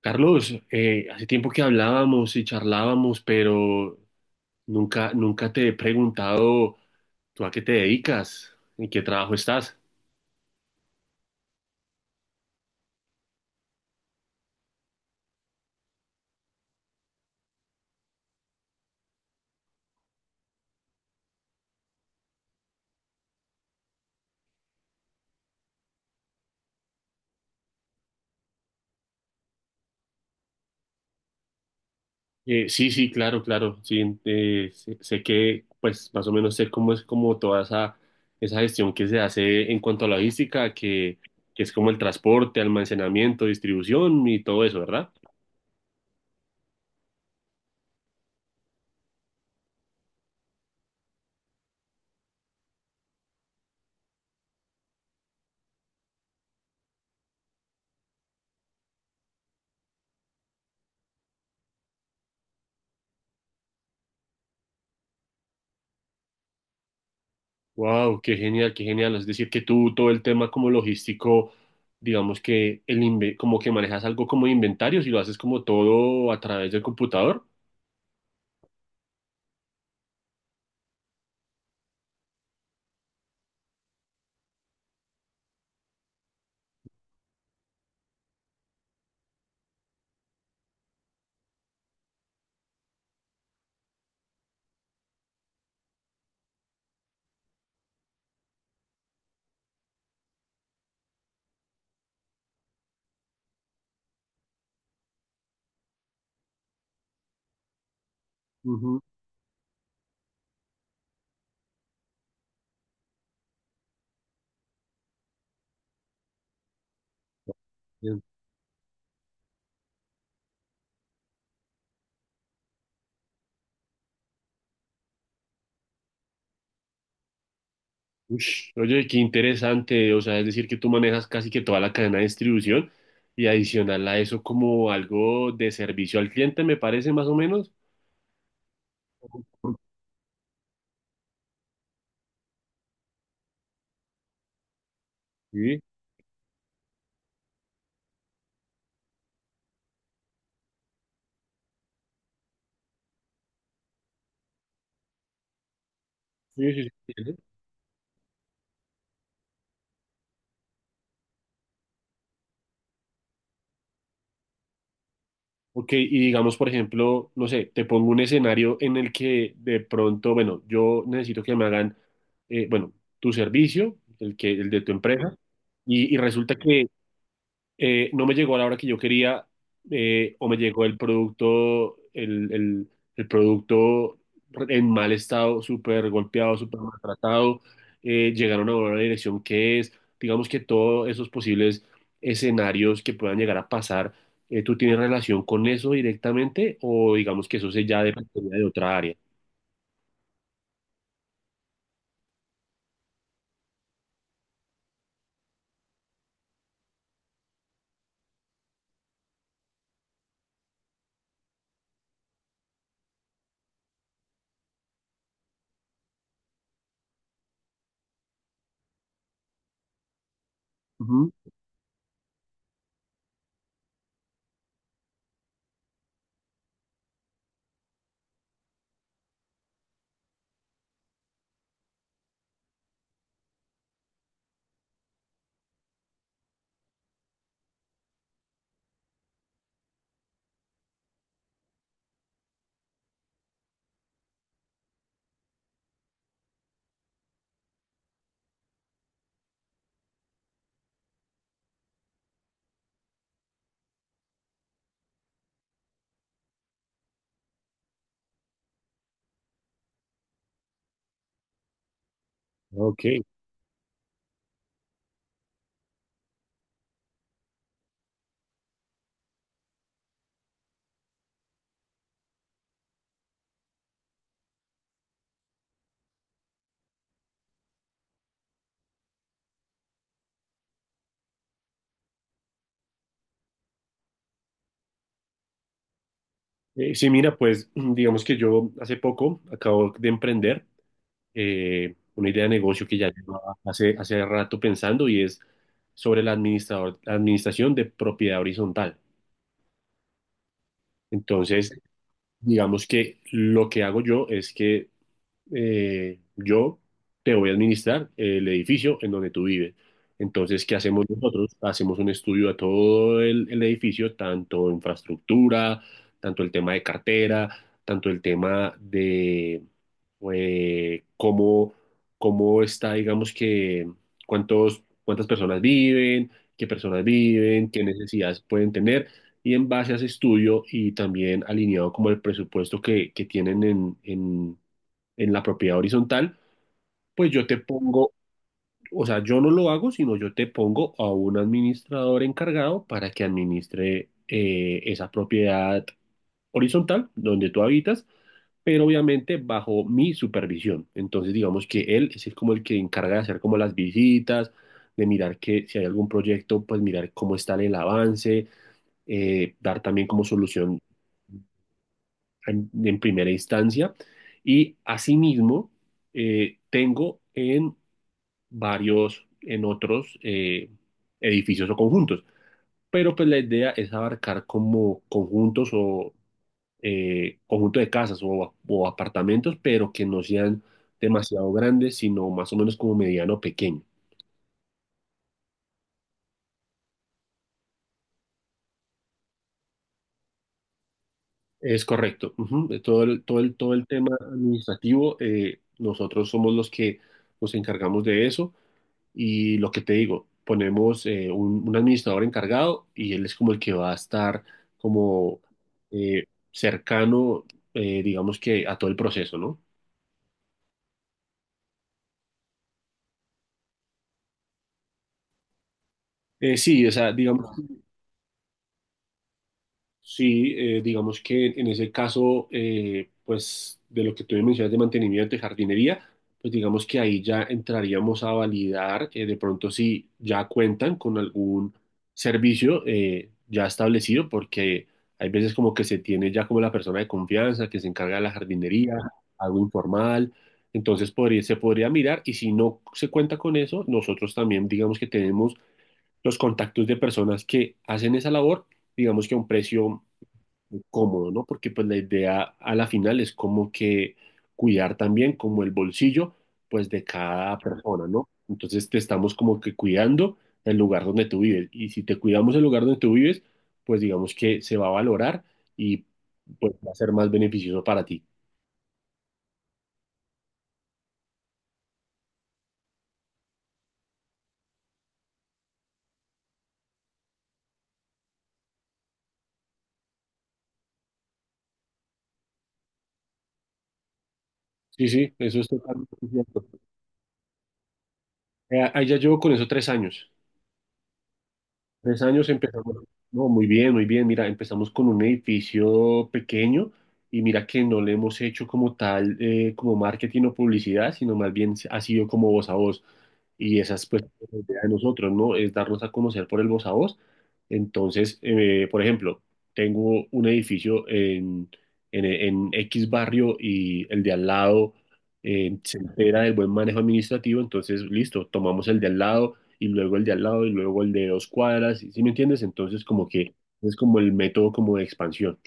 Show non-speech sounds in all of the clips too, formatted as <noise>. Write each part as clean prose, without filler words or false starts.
Carlos, hace tiempo que hablábamos y charlábamos, pero nunca te he preguntado tú a qué te dedicas, en qué trabajo estás. Sí, claro, claro, sí, sé que pues más o menos sé cómo es como toda esa gestión que se hace en cuanto a logística, que es como el transporte, almacenamiento, distribución y todo eso, ¿verdad? Wow, qué genial, qué genial. Es decir, que tú todo el tema como logístico, digamos que como que manejas algo como inventarios y lo haces como todo a través del computador. Ujú. Bien. Ush, oye, qué interesante. O sea, es decir, que tú manejas casi que toda la cadena de distribución y adicional a eso como algo de servicio al cliente, me parece más o menos. Sí, sí, sí. Sí. Sí. Ok, y digamos, por ejemplo, no sé, te pongo un escenario en el que de pronto, bueno, yo necesito que me hagan, bueno, tu servicio, el de tu empresa, y resulta que no me llegó a la hora que yo quería, o me llegó el producto, el producto en mal estado, súper golpeado, súper maltratado, llegaron a una dirección que es, digamos que todos esos posibles escenarios que puedan llegar a pasar, ¿tú tienes relación con eso directamente o digamos que eso se ya dependería de otra área? Ujú. Ok. Sí, mira, pues <clears throat> digamos que yo hace poco acabo de emprender una idea de negocio que ya llevaba hace rato pensando y es sobre la administración de propiedad horizontal. Entonces, digamos que lo que hago yo es que yo te voy a administrar el edificio en donde tú vives. Entonces, ¿qué hacemos nosotros? Hacemos un estudio a el edificio, tanto infraestructura, tanto el tema de cartera, tanto el tema eh, cómo, cómo está, digamos que, cuántas personas viven, qué necesidades pueden tener, y en base a ese estudio y también alineado como el presupuesto que tienen en la propiedad horizontal, pues yo te pongo, o sea, yo no lo hago, sino yo te pongo a un administrador encargado para que administre esa propiedad horizontal donde tú habitas, pero obviamente bajo mi supervisión. Entonces, digamos que como el que encarga de hacer como las visitas, de mirar que si hay algún proyecto, pues mirar cómo está en el avance, dar también como solución en primera instancia. Y asimismo, tengo en varios, en otros edificios o conjuntos. Pero pues la idea es abarcar como conjuntos o conjunto de casas o apartamentos, pero que no sean demasiado grandes, sino más o menos como mediano o pequeño. Es correcto. Ujú. De todo el todo el tema administrativo, nosotros somos los que nos encargamos de eso, y lo que te digo, ponemos un administrador encargado y él es como el que va a estar como eh, cercano, digamos que a todo el proceso, ¿no? Sí, o sea, digamos sí, digamos que en ese caso, pues de lo que tú me mencionas de mantenimiento de jardinería, pues digamos que ahí ya entraríamos a validar de pronto si ya cuentan con algún servicio ya establecido, porque hay veces como que se tiene ya como la persona de confianza que se encarga de la jardinería, algo informal, entonces se podría mirar y si no se cuenta con eso, nosotros también digamos que tenemos los contactos de personas que hacen esa labor digamos que a un precio cómodo, ¿no? Porque pues la idea a la final es como que cuidar también como el bolsillo pues de cada persona, ¿no? Entonces te estamos como que cuidando el lugar donde tú vives y si te cuidamos el lugar donde tú vives, pues digamos que se va a valorar y pues va a ser más beneficioso para ti. Sí, sí, eso es totalmente cierto. Ahí ya llevo con eso tres años. Tres años empezamos, no, muy bien, muy bien. Mira, empezamos con un edificio pequeño y mira que no le hemos hecho como tal, como marketing o publicidad, sino más bien ha sido como voz a voz. Y esa es pues la idea de nosotros, ¿no? Es darnos a conocer por el voz a voz. Entonces, por ejemplo, tengo un edificio en X barrio y el de al lado se entera del buen manejo administrativo, entonces, listo, tomamos el de al lado y luego el de al lado y luego el de dos cuadras, ¿sí me entiendes? Entonces como que es como el método como de expansión.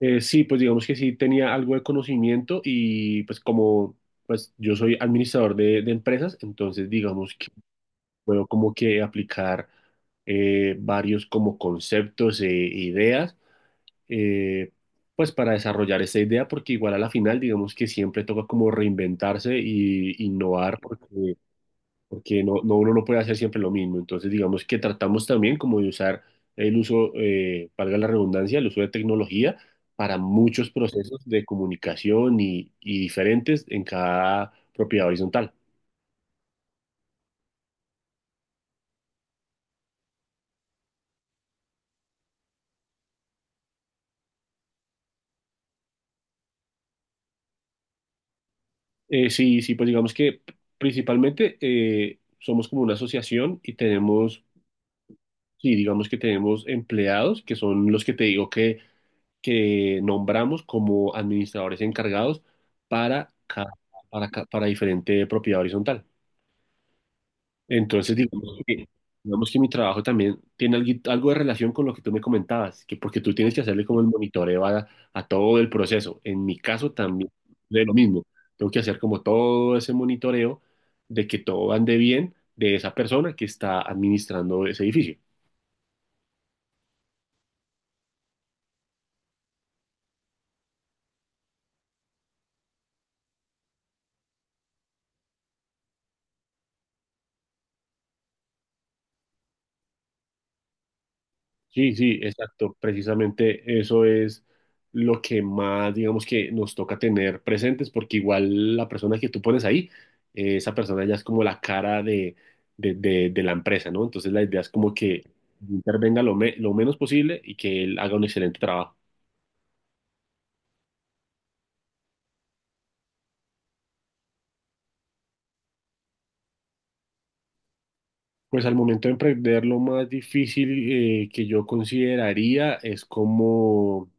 Sí, pues digamos que sí tenía algo de conocimiento y pues como pues yo soy administrador de empresas, entonces digamos que puedo como que aplicar varios como conceptos e ideas eh, pues para desarrollar esta idea porque igual a la final digamos que siempre toca como reinventarse y innovar porque no, no, uno no puede hacer siempre lo mismo. Entonces, digamos que tratamos también como de usar el uso, valga la redundancia, el uso de tecnología para muchos procesos de comunicación y diferentes en cada propiedad horizontal. Sí, sí, pues digamos que principalmente somos como una asociación y tenemos, sí, digamos que tenemos empleados que son los que te digo que nombramos como administradores encargados para, ca- para diferente propiedad horizontal. Entonces, digamos que mi trabajo también tiene algo de relación con lo que tú me comentabas, que porque tú tienes que hacerle como el monitoreo a todo el proceso. En mi caso también de lo mismo. Tengo que hacer como todo ese monitoreo de que todo ande bien de esa persona que está administrando ese edificio. Sí, sí, exacto. Precisamente eso es lo que más, digamos que nos toca tener presentes, porque igual la persona que tú pones ahí, esa persona ya es como la cara de, de la empresa, ¿no? Entonces la idea es como que intervenga lo menos posible y que él haga un excelente trabajo. Pues al momento de emprender, lo más difícil que yo consideraría es como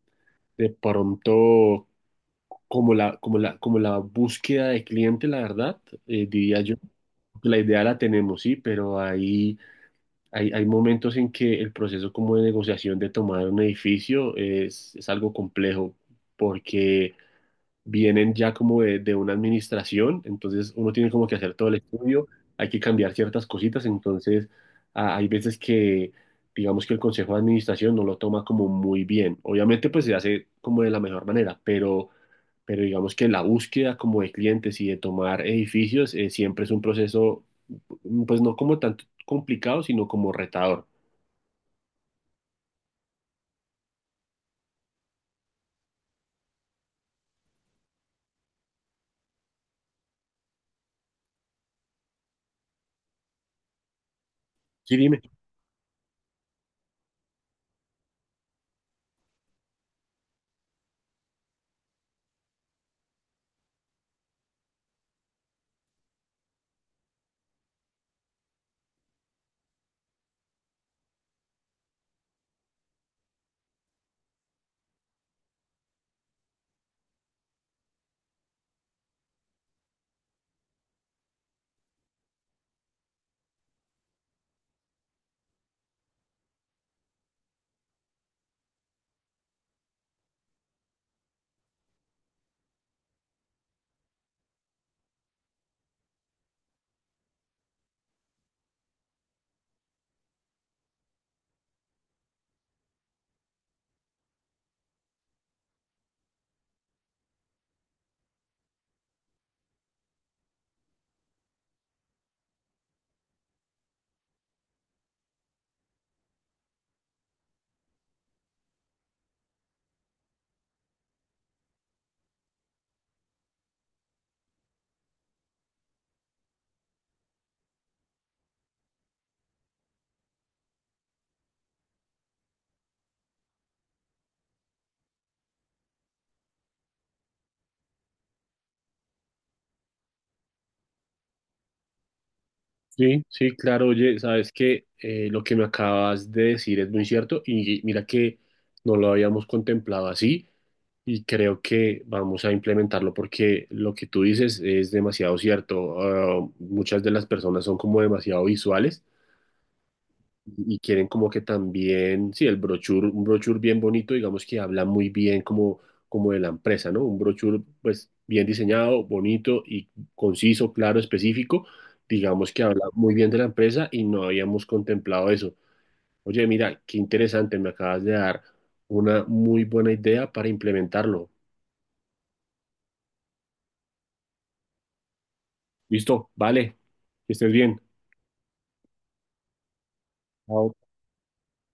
de pronto, como la búsqueda de cliente, la verdad, diría yo. La idea la tenemos, sí, pero hay momentos en que el proceso como de negociación de tomar un edificio es algo complejo porque vienen ya como de una administración, entonces uno tiene como que hacer todo el estudio, hay que cambiar ciertas cositas, entonces ah, hay veces que digamos que el consejo de administración no lo toma como muy bien. Obviamente pues se hace como de la mejor manera, pero digamos que la búsqueda como de clientes y de tomar edificios siempre es un proceso pues no como tanto complicado, sino como retador. Sí, dime. Sí, sí, claro, oye, sabes que lo que me acabas de decir es muy cierto y mira que no lo habíamos contemplado así y creo que vamos a implementarlo porque lo que tú dices es demasiado cierto. Ah, muchas de las personas son como demasiado visuales y quieren como que también, sí, el brochure, un brochure bien bonito, digamos que habla muy bien como, como de la empresa, ¿no? Un brochure pues bien diseñado, bonito y conciso, claro, específico, digamos que habla muy bien de la empresa y no habíamos contemplado eso. Oye, mira, qué interesante, me acabas de dar una muy buena idea para implementarlo. Listo, vale, que estés bien. Chao.